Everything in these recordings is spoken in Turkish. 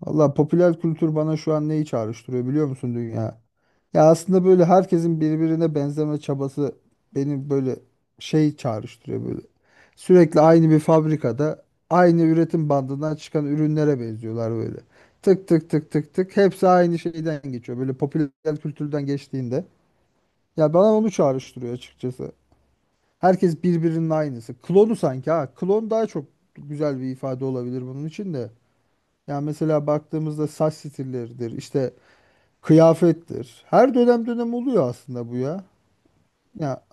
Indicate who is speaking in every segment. Speaker 1: Valla popüler kültür bana şu an neyi çağrıştırıyor biliyor musun dünya? Ya aslında böyle herkesin birbirine benzeme çabası beni böyle şey çağrıştırıyor böyle. Sürekli aynı bir fabrikada aynı üretim bandından çıkan ürünlere benziyorlar böyle. Tık tık tık tık tık hepsi aynı şeyden geçiyor böyle popüler kültürden geçtiğinde. Ya bana onu çağrıştırıyor açıkçası. Herkes birbirinin aynısı. Klonu sanki ha. Klon daha çok güzel bir ifade olabilir bunun için de. Yani mesela baktığımızda saç stilleridir, işte kıyafettir. Her dönem dönem oluyor aslında bu ya. Ya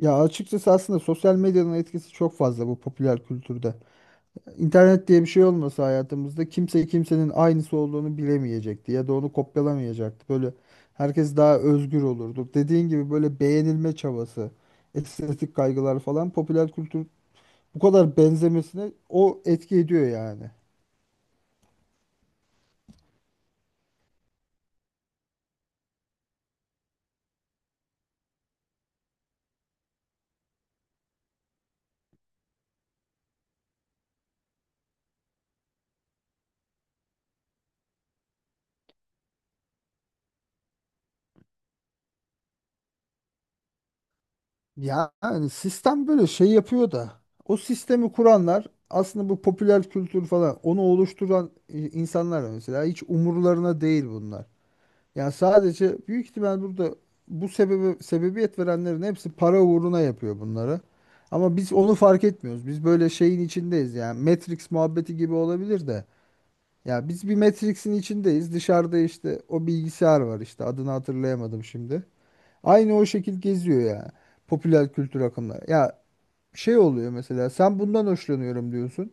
Speaker 1: ya açıkçası aslında sosyal medyanın etkisi çok fazla bu popüler kültürde. İnternet diye bir şey olmasa hayatımızda kimse kimsenin aynısı olduğunu bilemeyecekti ya da onu kopyalamayacaktı. Böyle herkes daha özgür olurdu. Dediğin gibi böyle beğenilme çabası, estetik kaygılar falan popüler kültür bu kadar benzemesine o etki ediyor yani. Ya yani sistem böyle şey yapıyor da o sistemi kuranlar aslında bu popüler kültür falan onu oluşturan insanlar mesela hiç umurlarına değil bunlar. Yani sadece büyük ihtimal burada bu sebebe sebebiyet verenlerin hepsi para uğruna yapıyor bunları. Ama biz onu fark etmiyoruz. Biz böyle şeyin içindeyiz yani Matrix muhabbeti gibi olabilir de. Ya biz bir Matrix'in içindeyiz. Dışarıda işte o bilgisayar var, işte adını hatırlayamadım şimdi. Aynı o şekil geziyor ya. Popüler kültür akımları. Ya şey oluyor, mesela sen bundan hoşlanıyorum diyorsun.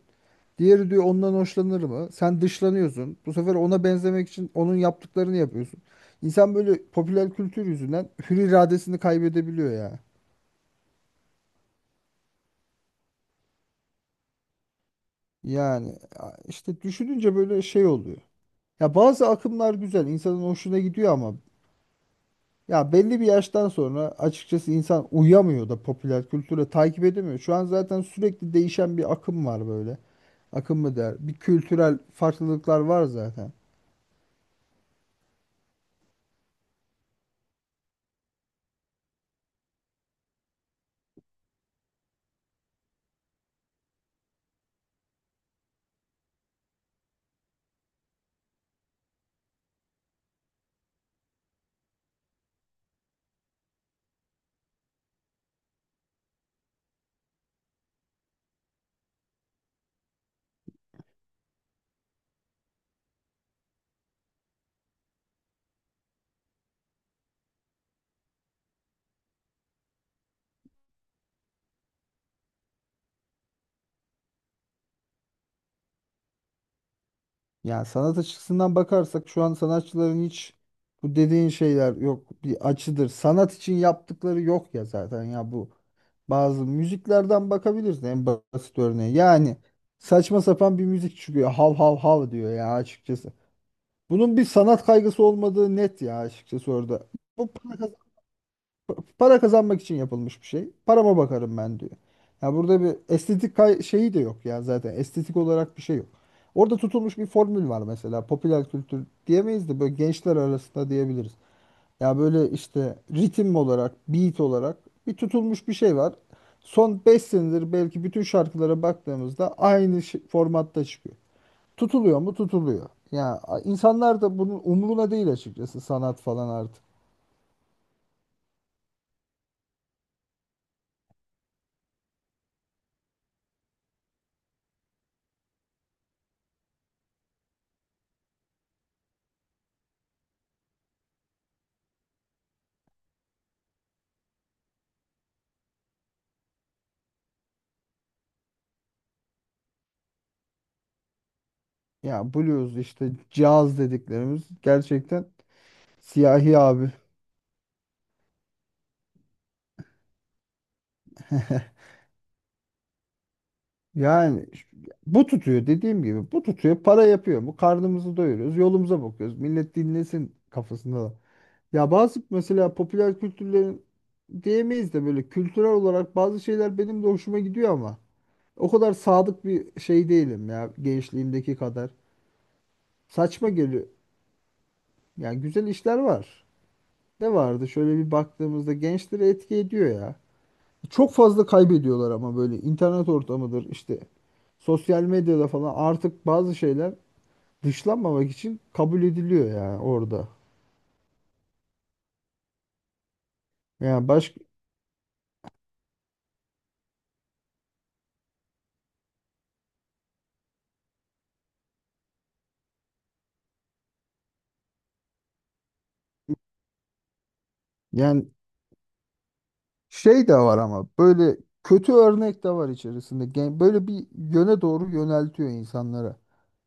Speaker 1: Diğeri diyor ondan hoşlanır mı? Sen dışlanıyorsun. Bu sefer ona benzemek için onun yaptıklarını yapıyorsun. İnsan böyle popüler kültür yüzünden hür iradesini kaybedebiliyor ya. Yani işte düşününce böyle şey oluyor. Ya bazı akımlar güzel, insanın hoşuna gidiyor ama ya belli bir yaştan sonra açıkçası insan uyamıyor da popüler kültüre takip edemiyor. Şu an zaten sürekli değişen bir akım var böyle. Akım mı der? Bir kültürel farklılıklar var zaten. Yani sanat açısından bakarsak şu an sanatçıların hiç bu dediğin şeyler yok. Bir açıdır. Sanat için yaptıkları yok ya zaten ya, bu bazı müziklerden bakabilirsin en basit örneği. Yani saçma sapan bir müzik çıkıyor. Hav hav hav diyor ya açıkçası. Bunun bir sanat kaygısı olmadığı net ya açıkçası orada. Bu para Para kazanmak için yapılmış bir şey. Parama bakarım ben diyor. Ya burada bir estetik şeyi de yok ya zaten. Estetik olarak bir şey yok. Orada tutulmuş bir formül var mesela. Popüler kültür diyemeyiz de böyle gençler arasında diyebiliriz. Ya böyle işte ritim olarak, beat olarak bir tutulmuş bir şey var. Son 5 senedir belki bütün şarkılara baktığımızda aynı formatta çıkıyor. Tutuluyor mu? Tutuluyor. Ya insanlar da bunun umuruna değil açıkçası sanat falan artık. Ya blues işte caz dediklerimiz gerçekten siyahi abi. Yani bu tutuyor, dediğim gibi bu tutuyor, para yapıyor mu, karnımızı doyuruyoruz, yolumuza bakıyoruz, millet dinlesin kafasında da. Ya bazı mesela popüler kültürlerin diyemeyiz de böyle kültürel olarak bazı şeyler benim de hoşuma gidiyor ama o kadar sadık bir şey değilim ya gençliğimdeki kadar. Saçma geliyor. Yani güzel işler var. Ne vardı şöyle bir baktığımızda, gençleri etki ediyor ya. Çok fazla kaybediyorlar ama böyle internet ortamıdır işte, sosyal medyada falan artık bazı şeyler dışlanmamak için kabul ediliyor yani orada. Yani baş, yani şey de var ama böyle kötü örnek de var içerisinde. Böyle bir yöne doğru yöneltiyor insanlara.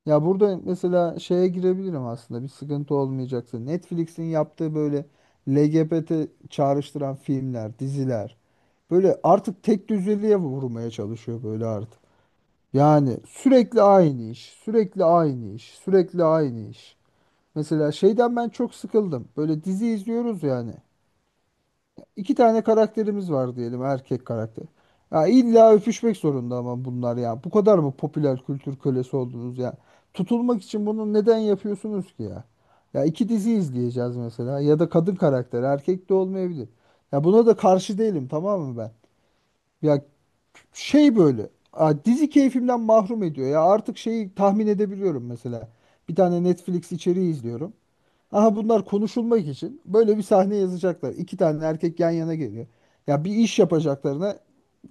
Speaker 1: Ya burada mesela şeye girebilirim aslında, bir sıkıntı olmayacaksa. Netflix'in yaptığı böyle LGBT çağrıştıran filmler, diziler. Böyle artık tek düzeliğe vurmaya çalışıyor böyle artık. Yani sürekli aynı iş, sürekli aynı iş, sürekli aynı iş. Mesela şeyden ben çok sıkıldım. Böyle dizi izliyoruz yani. İki tane karakterimiz var diyelim, erkek karakter. Ya illa öpüşmek zorunda ama bunlar ya. Bu kadar mı popüler kültür kölesi oldunuz ya? Tutulmak için bunu neden yapıyorsunuz ki ya? Ya iki dizi izleyeceğiz mesela, ya da kadın karakter, erkek de olmayabilir. Ya buna da karşı değilim, tamam mı ben? Ya şey böyle dizi keyfimden mahrum ediyor ya artık, şeyi tahmin edebiliyorum mesela, bir tane Netflix içeriği izliyorum, aha bunlar konuşulmak için böyle bir sahne yazacaklar. İki tane erkek yan yana geliyor, ya bir iş yapacaklarına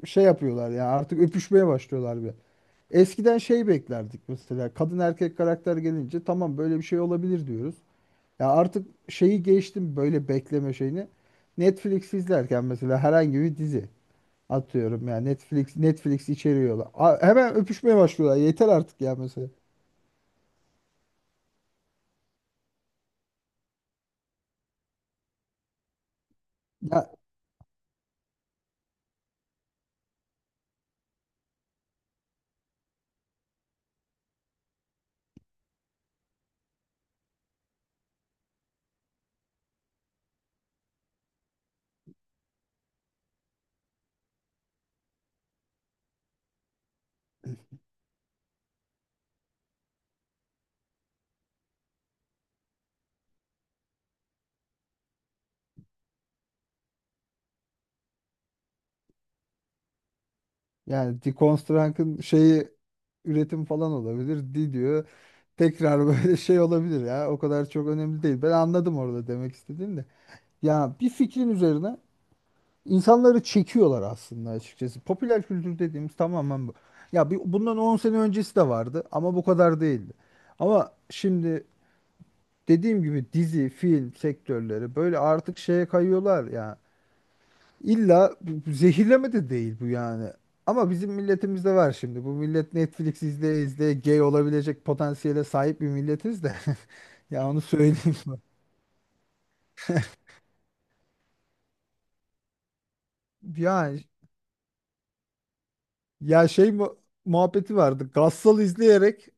Speaker 1: şey yapıyorlar ya, artık öpüşmeye başlıyorlar. Bir eskiden şey beklerdik mesela, kadın erkek karakter gelince tamam böyle bir şey olabilir diyoruz ya artık, şeyi geçtim böyle bekleme şeyini, Netflix izlerken mesela herhangi bir dizi, atıyorum ya Netflix içeriyorlar. Hemen öpüşmeye başlıyorlar. Yeter artık ya mesela. Ya yani Deconstruct'ın şeyi üretim falan olabilir. Diyor. Tekrar böyle şey olabilir ya. O kadar çok önemli değil. Ben anladım orada demek istediğim de. Ya bir fikrin üzerine insanları çekiyorlar aslında açıkçası. Popüler kültür dediğimiz tamamen bu. Ya bir, bundan 10 sene öncesi de vardı ama bu kadar değildi. Ama şimdi dediğim gibi dizi, film sektörleri böyle artık şeye kayıyorlar ya. İlla bu zehirleme de değil bu yani. Ama bizim milletimizde var şimdi. Bu millet Netflix izleye izleye gay olabilecek potansiyele sahip bir milletiz de. Ya onu söyleyeyim. Yani ya şey muhabbeti vardı. Gassal izleyerek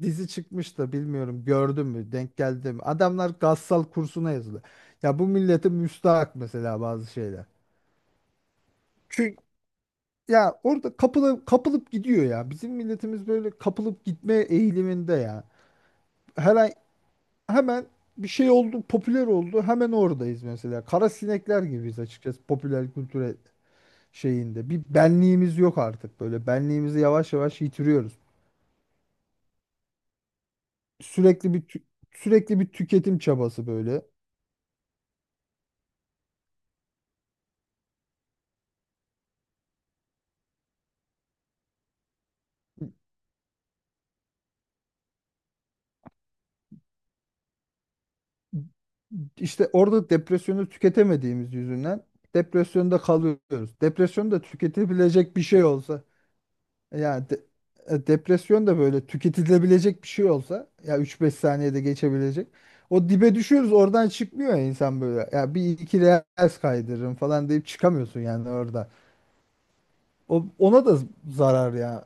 Speaker 1: dizi çıkmış da, bilmiyorum gördün mü, denk geldi mi? Adamlar Gassal kursuna yazıldı. Ya bu millete müstahak mesela bazı şeyler. Ya orada kapılıp kapılıp gidiyor ya. Bizim milletimiz böyle kapılıp gitme eğiliminde ya. Her ay hemen bir şey oldu, popüler oldu. Hemen oradayız mesela. Kara sinekler gibiyiz açıkçası popüler kültüre şeyinde. Bir benliğimiz yok artık böyle. Benliğimizi yavaş yavaş yitiriyoruz. Sürekli bir tü- Sürekli bir tüketim çabası böyle. İşte orada depresyonu tüketemediğimiz yüzünden depresyonda kalıyoruz. Depresyonda tüketebilecek bir şey olsa. Yani depresyon da böyle tüketilebilecek bir şey olsa ya, 3-5 saniyede geçebilecek. O dibe düşüyoruz, oradan çıkmıyor ya insan böyle. Ya bir iki reels kaydırırım falan deyip çıkamıyorsun yani orada. O, ona da zarar ya.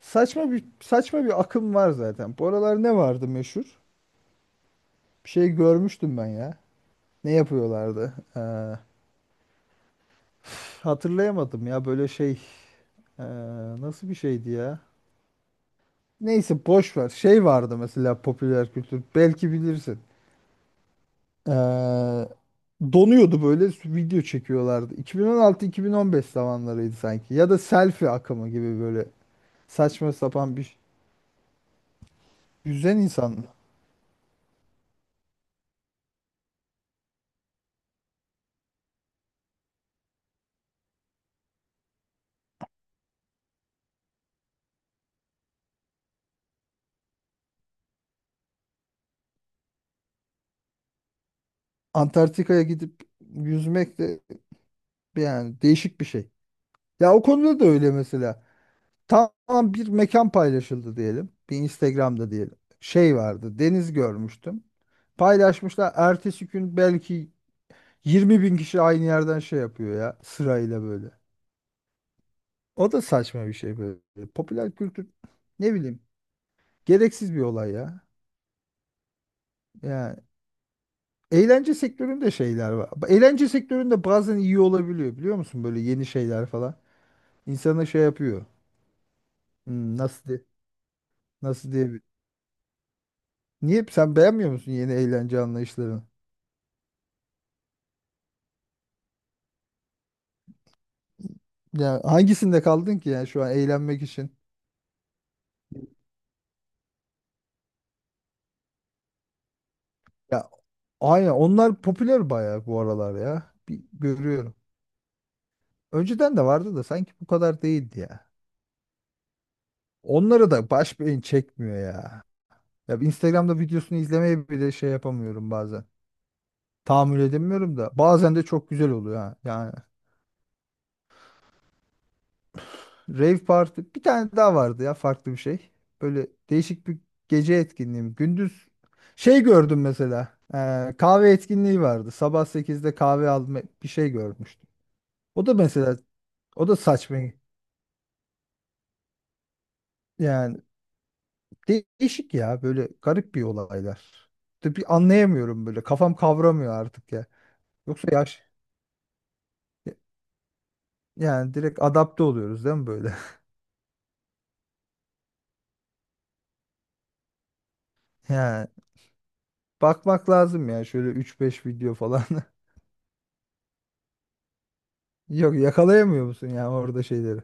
Speaker 1: Saçma bir akım var zaten. Bu aralar ne vardı meşhur? Bir şey görmüştüm ben ya. Ne yapıyorlardı? Hatırlayamadım ya böyle şey. Ee, nasıl bir şeydi ya? Neyse boş ver. Şey vardı mesela popüler kültür. Belki bilirsin. Ee, donuyordu böyle, video çekiyorlardı. 2016-2015 zamanlarıydı sanki. Ya da selfie akımı gibi böyle saçma sapan bir yüzen insan. Antarktika'ya gidip yüzmek de yani değişik bir şey. Ya o konuda da öyle mesela. Tamam, bir mekan paylaşıldı diyelim. Bir Instagram'da diyelim. Şey vardı, deniz görmüştüm. Paylaşmışlar, ertesi gün belki 20 bin kişi aynı yerden şey yapıyor ya sırayla böyle. O da saçma bir şey böyle. Popüler kültür, ne bileyim, gereksiz bir olay ya. Yani eğlence sektöründe şeyler var. Eğlence sektöründe bazen iyi olabiliyor biliyor musun? Böyle yeni şeyler falan. İnsana şey yapıyor. Hmm, nasıl diye, nasıl diye. Niye sen beğenmiyor musun yeni eğlence anlayışlarını? Ya hangisinde kaldın ki yani şu an eğlenmek için? Ya aynen, onlar popüler bayağı bu aralar ya. Bir görüyorum. Önceden de vardı da sanki bu kadar değildi ya. Onları da baş beyin çekmiyor ya. Ya bir Instagram'da videosunu izlemeye bile şey yapamıyorum bazen. Tahammül edemiyorum da. Bazen de çok güzel oluyor ha. Yani rave party bir tane daha vardı ya, farklı bir şey. Böyle değişik bir gece etkinliği mi? Gündüz şey gördüm mesela. Kahve etkinliği vardı. Sabah 8'de kahve alma, bir şey görmüştüm. O da mesela, o da saçma. Yani değişik ya böyle, garip bir olaylar. De bir anlayamıyorum böyle. Kafam kavramıyor artık ya. Yoksa yaş Yani direkt adapte oluyoruz değil mi böyle? Yani bakmak lazım ya şöyle üç beş video falan. Yok, yakalayamıyor musun ya orada şeyleri?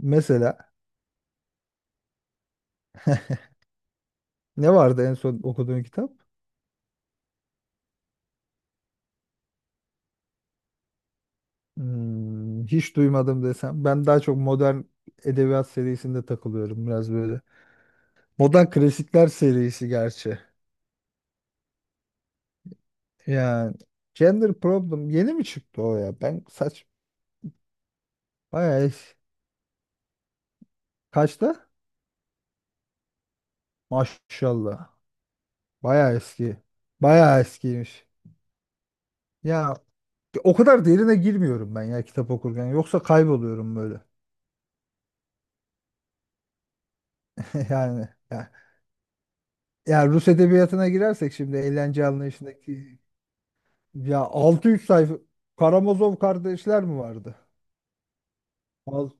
Speaker 1: Mesela ne vardı en son okuduğun kitap? Hmm, hiç duymadım desem. Ben daha çok modern edebiyat serisinde takılıyorum biraz böyle. Modern klasikler serisi gerçi. Yani Gender Problem yeni mi çıktı o ya? Ben saç Bayağı kaçta? Maşallah. Bayağı eski. Bayağı eskiymiş. Ya o kadar derine girmiyorum ben ya kitap okurken. Yoksa kayboluyorum böyle. Yani ya Rus edebiyatına girersek şimdi eğlence anlayışındaki, ya 600 sayfa Karamazov Kardeşler mi vardı? Al,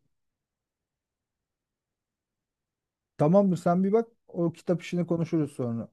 Speaker 1: tamam mı, sen bir bak, o kitap işini konuşuruz sonra.